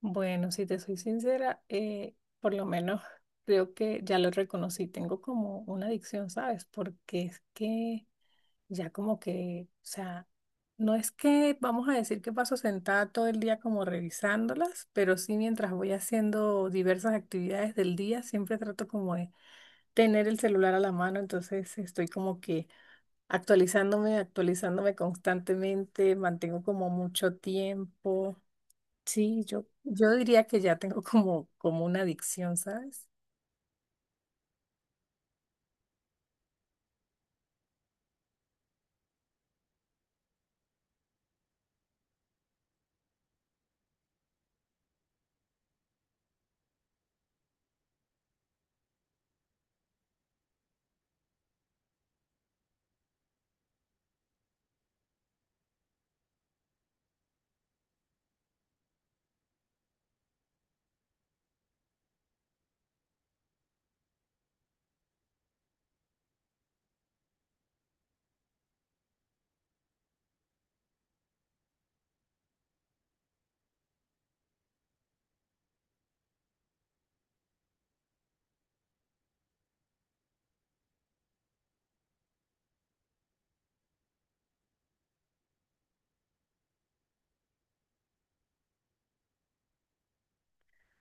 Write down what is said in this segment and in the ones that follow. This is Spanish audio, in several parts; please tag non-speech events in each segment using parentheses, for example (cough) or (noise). Bueno, si te soy sincera, por lo menos (laughs) creo que ya lo reconocí, tengo como una adicción, ¿sabes? Porque es que ya como que, o sea, no es que vamos a decir que paso sentada todo el día como revisándolas, pero sí mientras voy haciendo diversas actividades del día, siempre trato como de tener el celular a la mano, entonces estoy como que actualizándome, actualizándome constantemente, mantengo como mucho tiempo. Sí, yo diría que ya tengo (laughs) como, como una adicción, ¿sabes?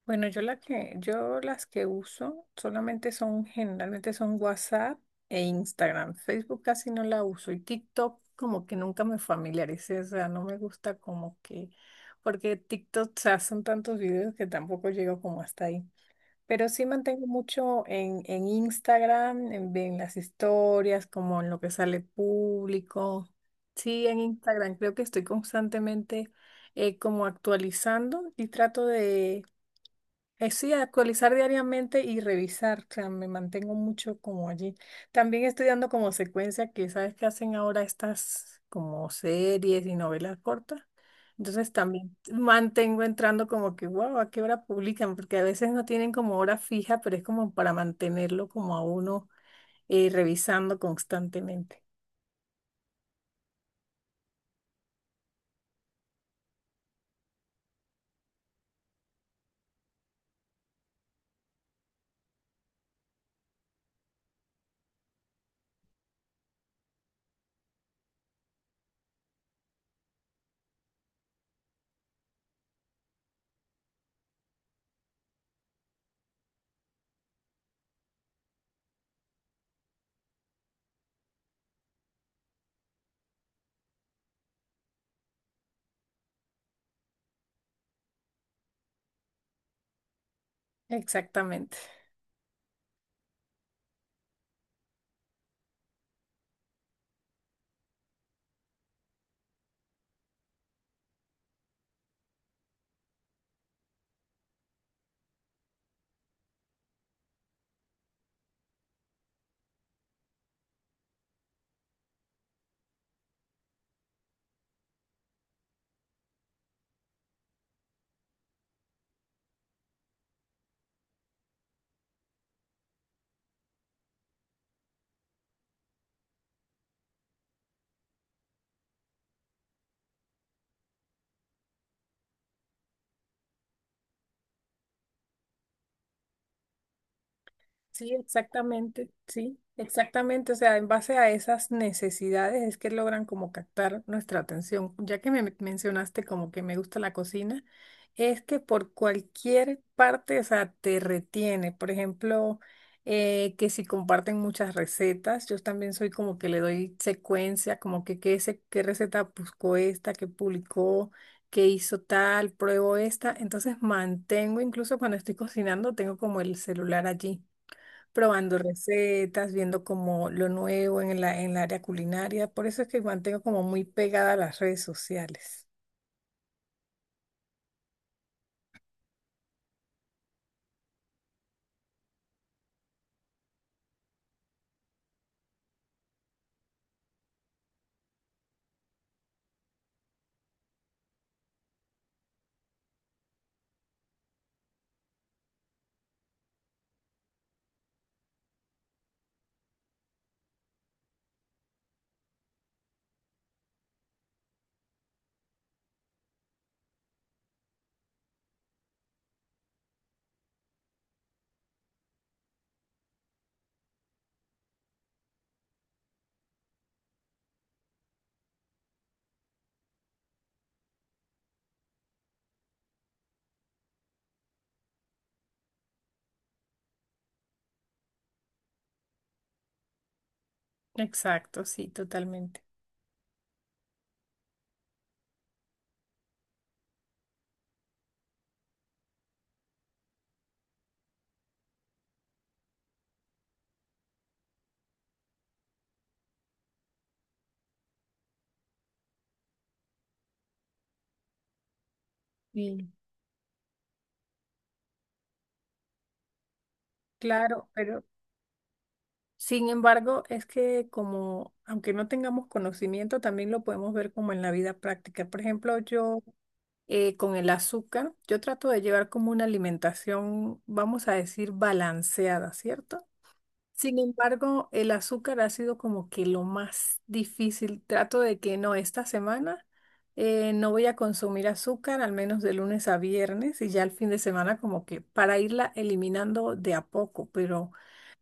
Bueno, yo la que, yo las que uso solamente son, generalmente son WhatsApp e Instagram. Facebook casi no la uso y TikTok como que nunca me familiaricé, o sea, no me gusta como que, porque TikTok, o sea, son tantos videos que tampoco llego como hasta ahí. Pero sí mantengo mucho en Instagram, en las historias, como en lo que sale público. Sí, en Instagram creo que estoy constantemente como actualizando y trato sí, actualizar diariamente y revisar, o sea, me mantengo mucho como allí. También estudiando como secuencia, que sabes que hacen ahora estas como series y novelas cortas. Entonces también mantengo entrando como que, wow, ¿a qué hora publican? Porque a veces no tienen como hora fija, pero es como para mantenerlo como a uno revisando constantemente. Exactamente. Sí, exactamente, sí, exactamente. O sea, en base a esas necesidades es que logran como captar nuestra atención. Ya que me mencionaste como que me gusta la cocina, es que por cualquier parte, o sea, te retiene. Por ejemplo, que si comparten muchas recetas, yo también soy como que le doy secuencia, como que qué, qué receta buscó esta, qué publicó, qué hizo tal, pruebo esta, entonces mantengo, incluso cuando estoy cocinando, tengo como el celular allí probando recetas, viendo como lo nuevo en la, en el área culinaria. Por eso es que mantengo como muy pegada a las redes sociales. Exacto, sí, totalmente. Sí. Claro, pero sin embargo, es que como, aunque no tengamos conocimiento, también lo podemos ver como en la vida práctica. Por ejemplo, yo con el azúcar, yo trato de llevar como una alimentación, vamos a decir, balanceada, ¿cierto? Sin embargo, el azúcar ha sido como que lo más difícil. Trato de que no, esta semana no voy a consumir azúcar, al menos de lunes a viernes, y ya el fin de semana como que para irla eliminando de a poco, pero...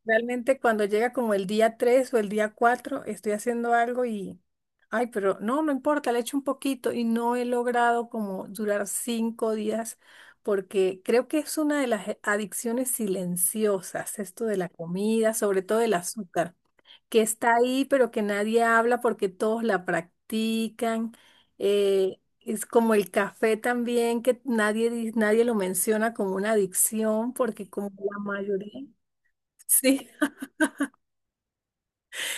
realmente cuando llega como el día 3 o el día 4 estoy haciendo algo y, ay, pero no, no importa, le echo un poquito y no he logrado como durar cinco días porque creo que es una de las adicciones silenciosas, esto de la comida, sobre todo el azúcar, que está ahí pero que nadie habla porque todos la practican. Es como el café también, que nadie, nadie lo menciona como una adicción porque como la mayoría... (laughs) Sí,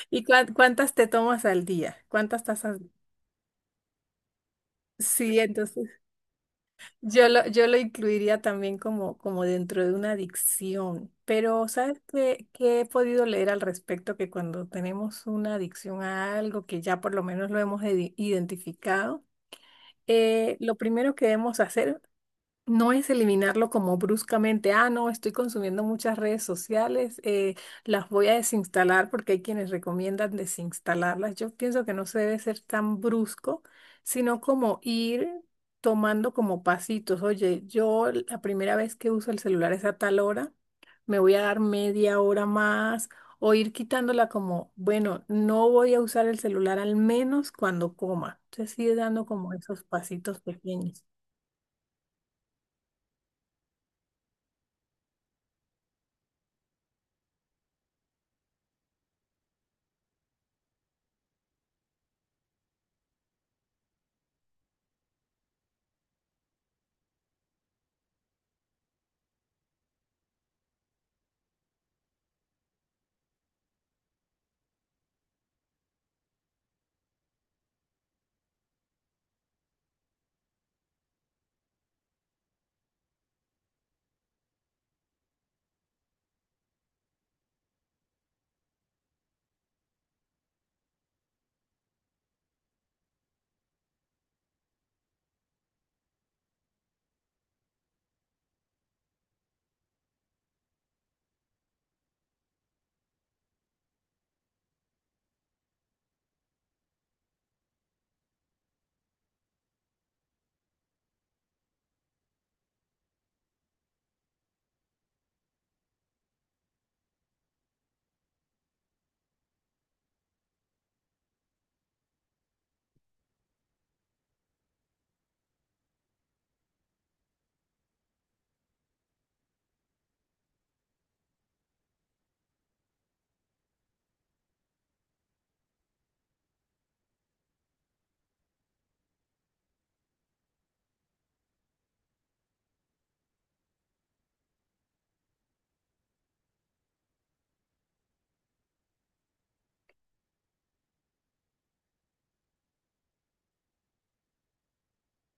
¿y cuántas te tomas al día? ¿Cuántas tazas? Sí, entonces yo lo incluiría también como, como dentro de una adicción. Pero ¿sabes qué, qué he podido leer al respecto? Que cuando tenemos una adicción a algo que ya por lo menos lo hemos identificado, lo primero que debemos hacer no es eliminarlo como bruscamente, ah, no, estoy consumiendo muchas redes sociales, las voy a desinstalar porque hay quienes recomiendan desinstalarlas. Yo pienso que no se debe ser tan brusco, sino como ir tomando como pasitos. Oye, yo la primera vez que uso el celular es a tal hora, me voy a dar media hora más o ir quitándola como, bueno, no voy a usar el celular al menos cuando coma. Entonces, sí, ir dando como esos pasitos pequeños.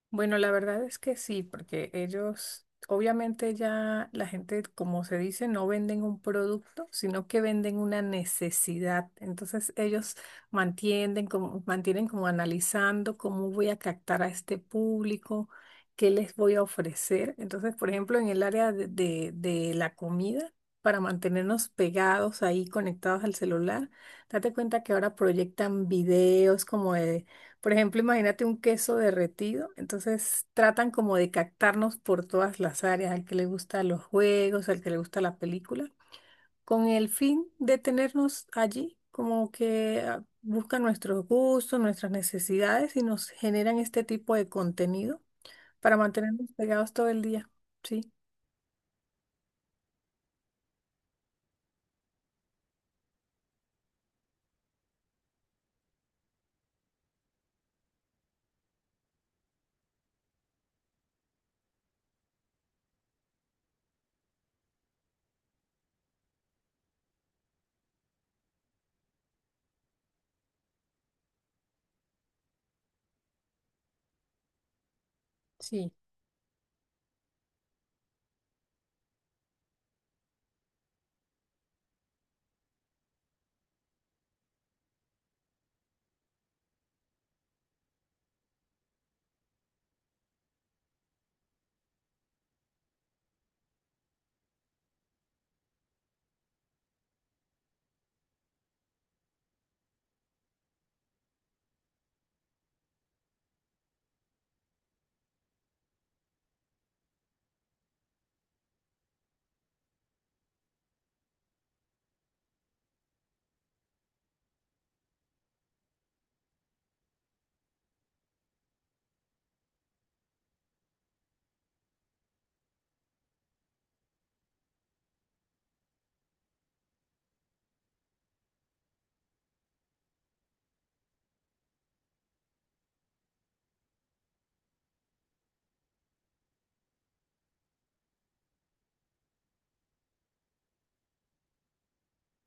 Bueno, la verdad es que sí, porque ellos, obviamente ya la gente, como se dice, no venden un producto, sino que venden una necesidad. Entonces ellos mantienen como analizando cómo voy a captar a este público, qué les voy a ofrecer. Entonces, por ejemplo, en el área de la comida, para mantenernos pegados ahí, conectados al celular, date cuenta que ahora proyectan videos como de, por ejemplo, imagínate un queso derretido. Entonces tratan como de captarnos por todas las áreas, al que le gustan los juegos, al que le gusta la película, con el fin de tenernos allí, como que ah, buscan nuestros gustos, nuestras necesidades y nos generan este tipo de contenido para mantenernos pegados todo el día. Sí. Sí.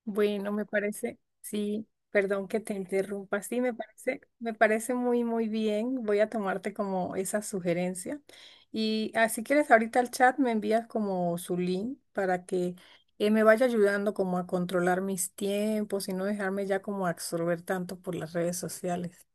Bueno, me parece, sí, perdón que te interrumpa, sí, me parece muy, muy bien. Voy a tomarte como esa sugerencia. Y así si quieres, ahorita al chat me envías como su link para que me vaya ayudando como a controlar mis tiempos y no dejarme ya como absorber tanto por las redes sociales.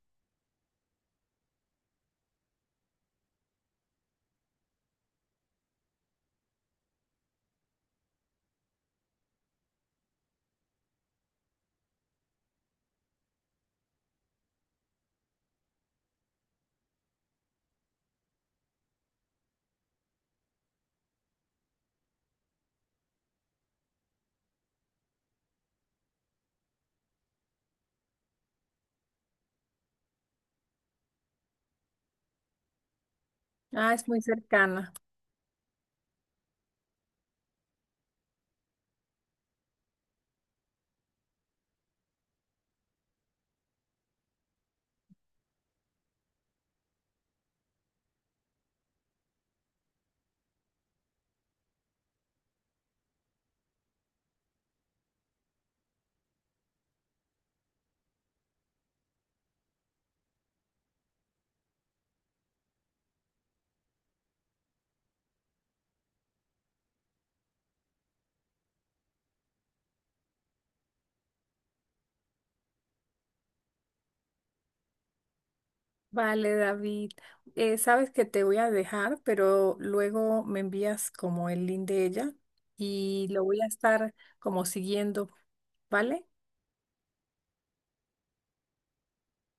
Ah, es muy cercana. Vale, David. Sabes que te voy a dejar, pero luego me envías como el link de ella y lo voy a estar como siguiendo, ¿vale?